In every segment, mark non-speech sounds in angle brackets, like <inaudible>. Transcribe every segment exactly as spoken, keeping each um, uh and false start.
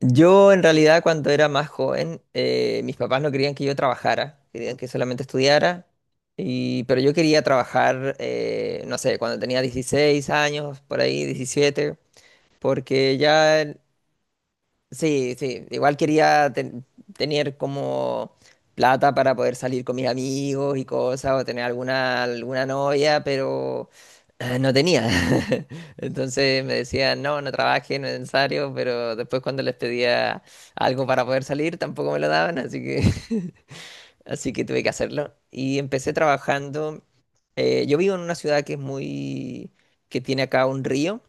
Yo en realidad cuando era más joven, eh, mis papás no querían que yo trabajara, querían que solamente estudiara, y, pero yo quería trabajar, eh, no sé, cuando tenía dieciséis años, por ahí diecisiete porque ya. Sí, sí, igual quería ten- tener como plata para poder salir con mis amigos y cosas, o tener alguna, alguna novia, pero eh, no tenía. <laughs> Entonces me decían, no, no trabajes, no es necesario, pero después cuando les pedía algo para poder salir, tampoco me lo daban, así que, <laughs> así que tuve que hacerlo. Y empecé trabajando. Eh, yo vivo en una ciudad que es muy, que tiene acá un río.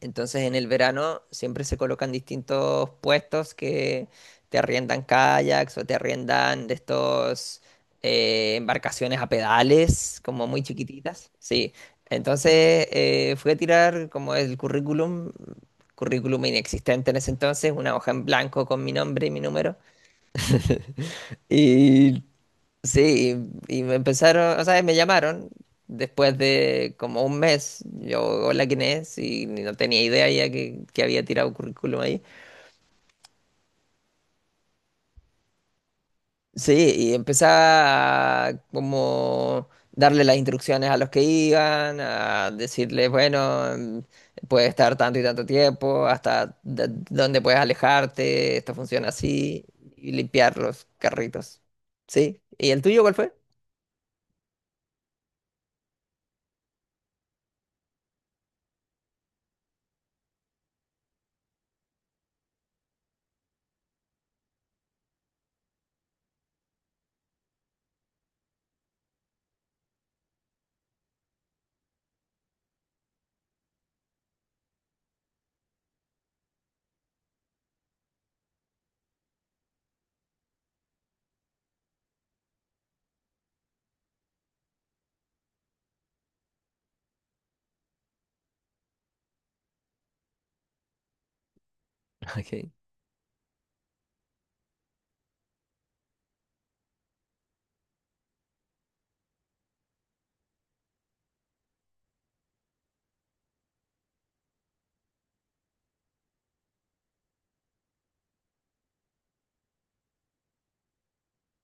Entonces en el verano siempre se colocan distintos puestos que te arriendan kayaks o te arriendan de estos eh, embarcaciones a pedales, como muy chiquititas. Sí. Entonces eh, fui a tirar como el currículum, currículum inexistente en ese entonces, una hoja en blanco con mi nombre y mi número. Y sí, y, y me empezaron, o sea, me llamaron después de como un mes. Yo, hola, ¿quién es? Y ni- no tenía idea ya que, que había tirado currículum ahí. Sí, y empezaba a como darle las instrucciones a los que iban, a decirles, bueno, mm, puedes estar tanto y tanto tiempo, hasta d- dónde puedes alejarte, esto funciona así, y limpiar los carritos. Sí, ¿y el tuyo cuál fue? <laughs>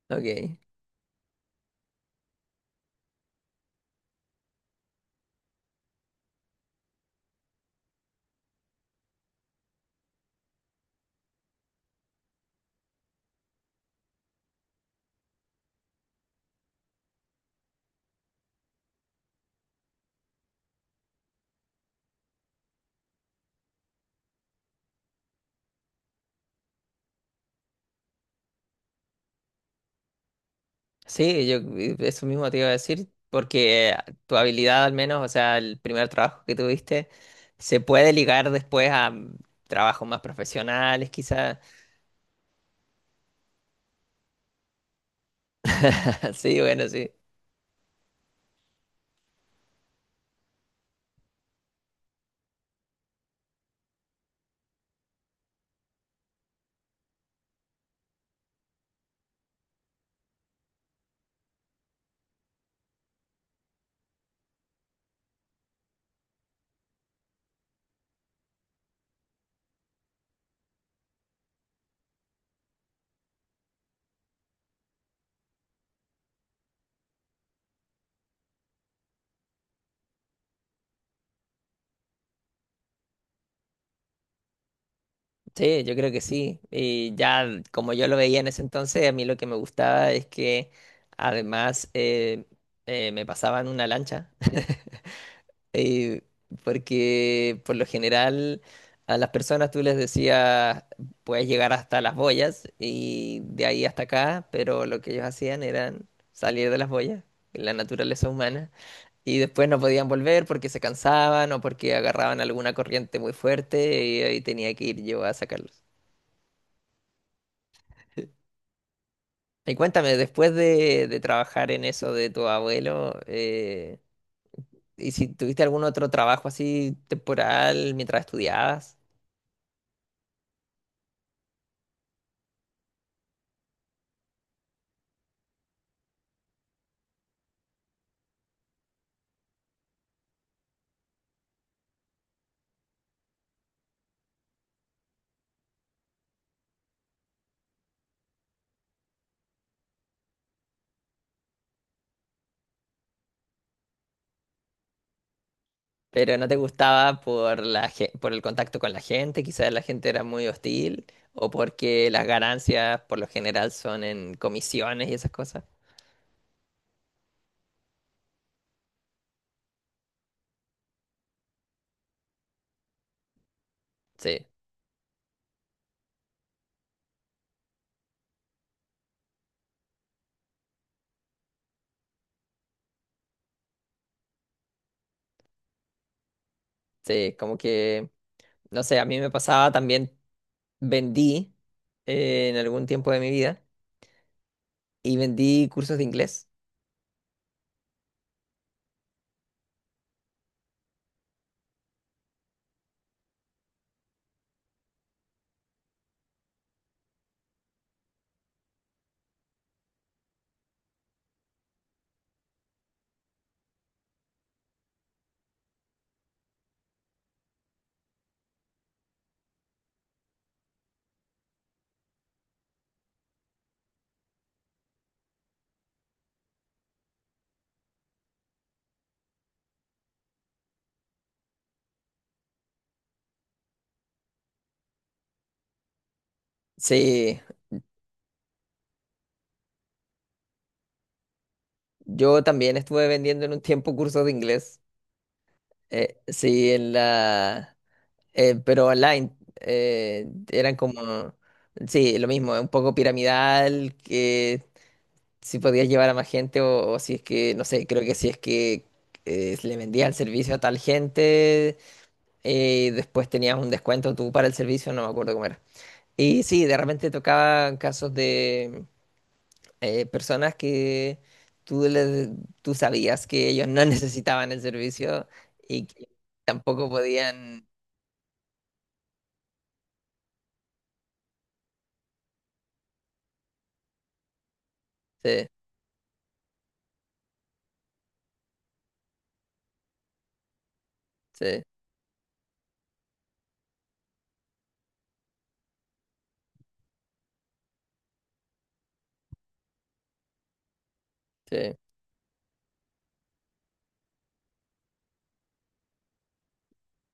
Ok. Ok. Sí, yo eh, eso mismo te iba a decir, porque eh, tu habilidad al menos, o sea, el primer trabajo que tuviste, se puede ligar después a mm, trabajos más profesionales, quizás. <laughs> Sí, bueno, sí. Sí, yo creo que sí. Y ya mm, como yo lo veía en ese entonces, a mí lo que me gustaba es que además eh, eh, me pasaban una lancha. <laughs> Eh, porque por lo general a las personas tú les decías, puedes llegar hasta las boyas y de ahí hasta acá, pero lo que ellos hacían era salir de las boyas, la naturaleza humana, y después no podían volver porque se cansaban o porque agarraban alguna corriente muy fuerte y ahí tenía que ir yo a sacarlos. Y cuéntame, después de, de trabajar en eso de tu abuelo, eh, ¿y si tuviste algún otro trabajo así temporal mientras estudiabas? Pero no te gustaba por la, ge- por el contacto con la gente, quizás la gente era muy hostil, o porque las ganancias por lo general son en comisiones y esas cosas. Sí, sí, como que, no sé, a mí me pasaba también, vendí eh, en algún tiempo de mi vida y vendí cursos de inglés. Sí, yo también estuve vendiendo en un tiempo cursos de inglés. Eh, sí, en la... eh, pero online. Eh, eran como, sí, lo mismo, un poco piramidal, que si podías llevar a más gente o, o si es que, no sé, creo que si es que eh, le vendías el servicio a tal gente eh, y después tenías un descuento tú para el servicio, no me acuerdo cómo era. Y sí, de repente tocaban casos de eh, personas que tú, les- tú sabías que ellos no <laughs> necesitaban el servicio y que tampoco podían... Sí, sí. Sí.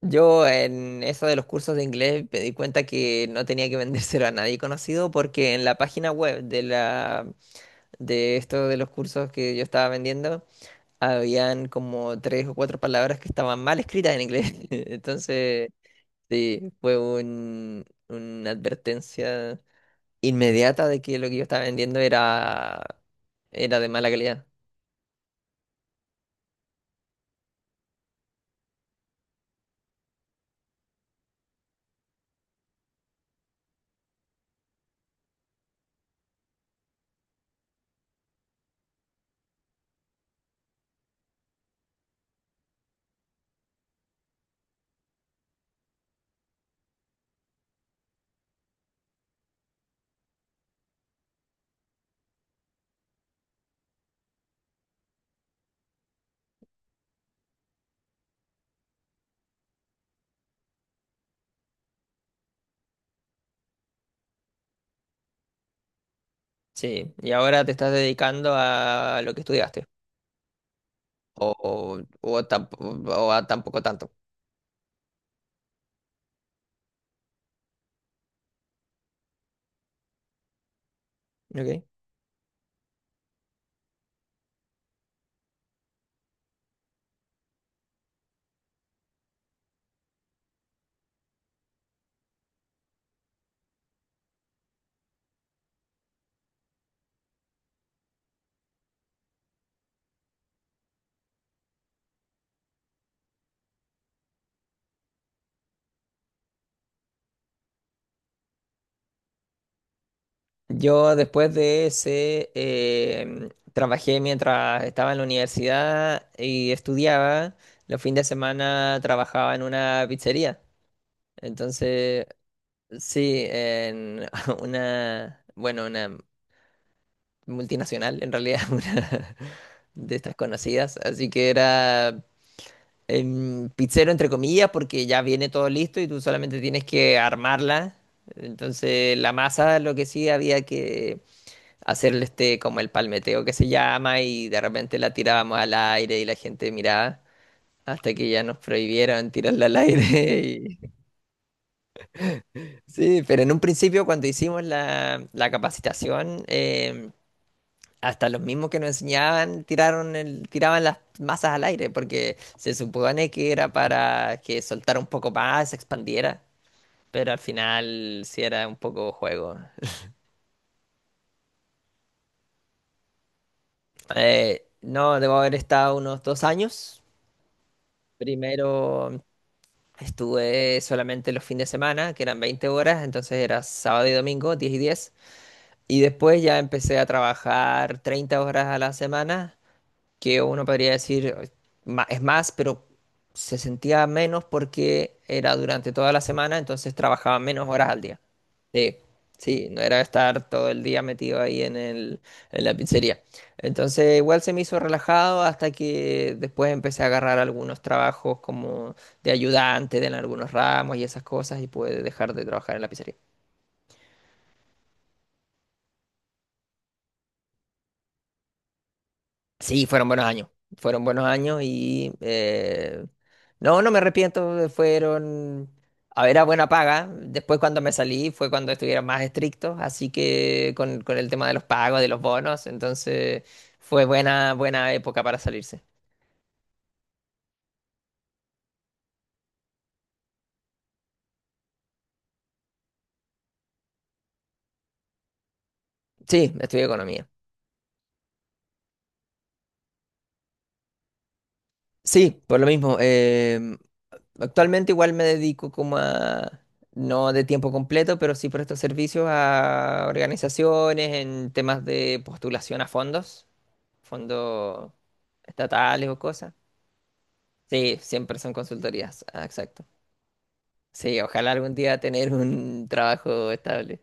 Yo en eso de los cursos de inglés me di cuenta que no tenía que vendérselo a nadie conocido porque en la página web de la de esto de los cursos que yo estaba vendiendo habían como tres o cuatro palabras que estaban mal escritas en inglés. <laughs> Entonces, sí, fue un, una advertencia inmediata de que lo que yo estaba vendiendo era era de mala calidad. Sí, y ahora te estás dedicando a lo que estudiaste o o, o tamp- o a tampoco tanto. ¿Ok? Yo después de ese em, trabajé mientras estaba en la universidad y estudiaba. Los fines de semana trabajaba en una pizzería. Entonces, sí, en <laughs> una, bueno, una multinacional en realidad, <laughs> una de estas conocidas. Así que era em, pizzero entre comillas porque ya viene todo listo y tú solamente tienes que armarla. Entonces, la masa, lo que sí había que hacerle este como el palmeteo que se llama y de repente la tirábamos al aire y la gente miraba hasta que ya nos prohibieron tirarla al aire. <laughs> Y sí, pero en un principio cuando hicimos la, la capacitación, eh, hasta los mismos que nos enseñaban tiraron el, tiraban las masas al aire porque se supone que era para que soltara un poco más, se expandiera, pero al final sí era un poco juego. Eh, no, debo haber estado unos dos años. Primero estuve solamente los fines de semana, que eran veinte horas, entonces era sábado y domingo, diez y diez. Y después ya empecé a trabajar treinta horas a la semana, que uno podría decir, "Ma- es más, pero se sentía menos porque era durante toda la semana, entonces trabajaba menos horas al día. Sí, sí, no era estar todo el día metido ahí en el, en la pizzería. Entonces igual se me hizo relajado hasta que después empecé a agarrar algunos trabajos como de ayudante en algunos ramos y esas cosas y pude dejar de trabajar en la pizzería. Sí, fueron buenos años. Fueron buenos años y eh, no, no me arrepiento. eh, Fueron, a ver, a buena paga. Después cuando me salí fue cuando estuvieron más estrictos, así que con, con el tema de los pagos, de los bonos, entonces fue buena, buena época para salirse. Sí, estudié economía. Sí, por lo mismo. Em, actualmente igual me dedico como a, no de tiempo completo, pero sí presto servicios a organizaciones en temas de postulación a fondos. fondos estatales o cosas. Sí, siempre son consultorías, ah, exacto. Sí, ojalá algún día tener un trabajo estable.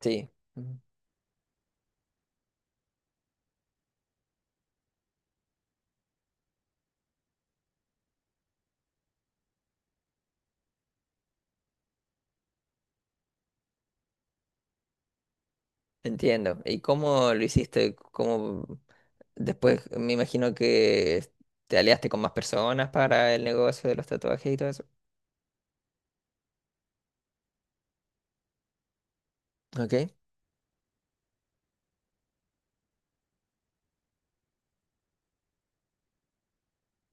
Sí, ujú. Entiendo. ¿Y cómo lo hiciste? ¿Cómo después me imagino que te aliaste con más personas para el negocio de los tatuajes y todo eso? Ok.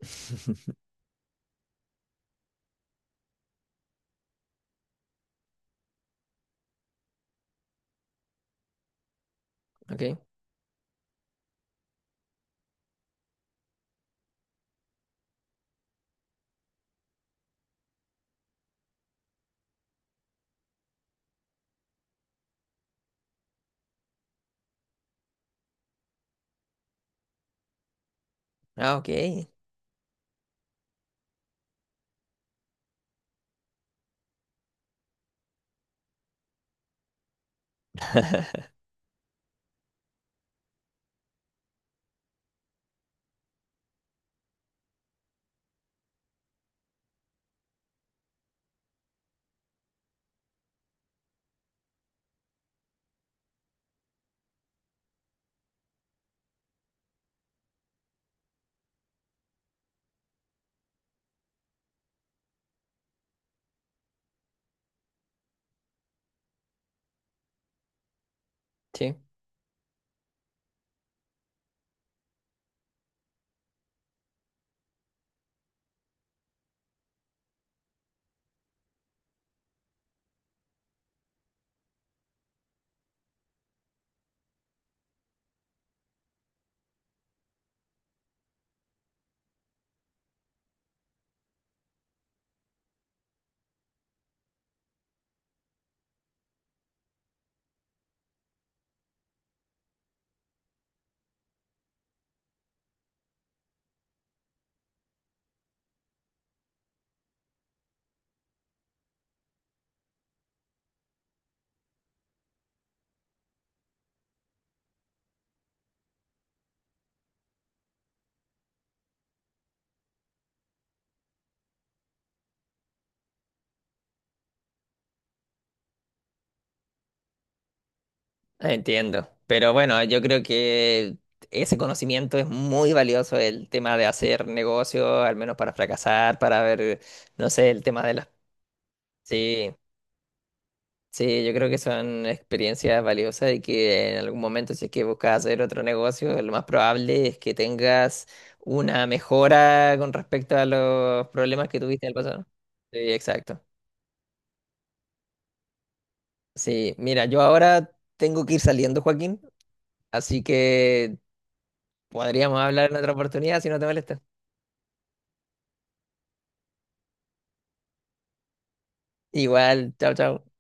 <laughs> Ok. Ah, ok. <laughs> Sí. Entiendo, pero bueno, yo creo que ese conocimiento es muy valioso, el tema de hacer negocio, al menos para fracasar, para ver, no sé, el tema de las... Sí, sí, yo creo que son experiencias valiosas y que en algún momento si es que buscas hacer otro negocio, lo más probable es que tengas una mejora con respecto a los problemas que tuviste en el pasado. Sí, exacto. Sí, mira, yo ahora tengo que ir saliendo, Joaquín, así que... Podríamos hablar en otra oportunidad si no te molesta. Igual, chao, chao.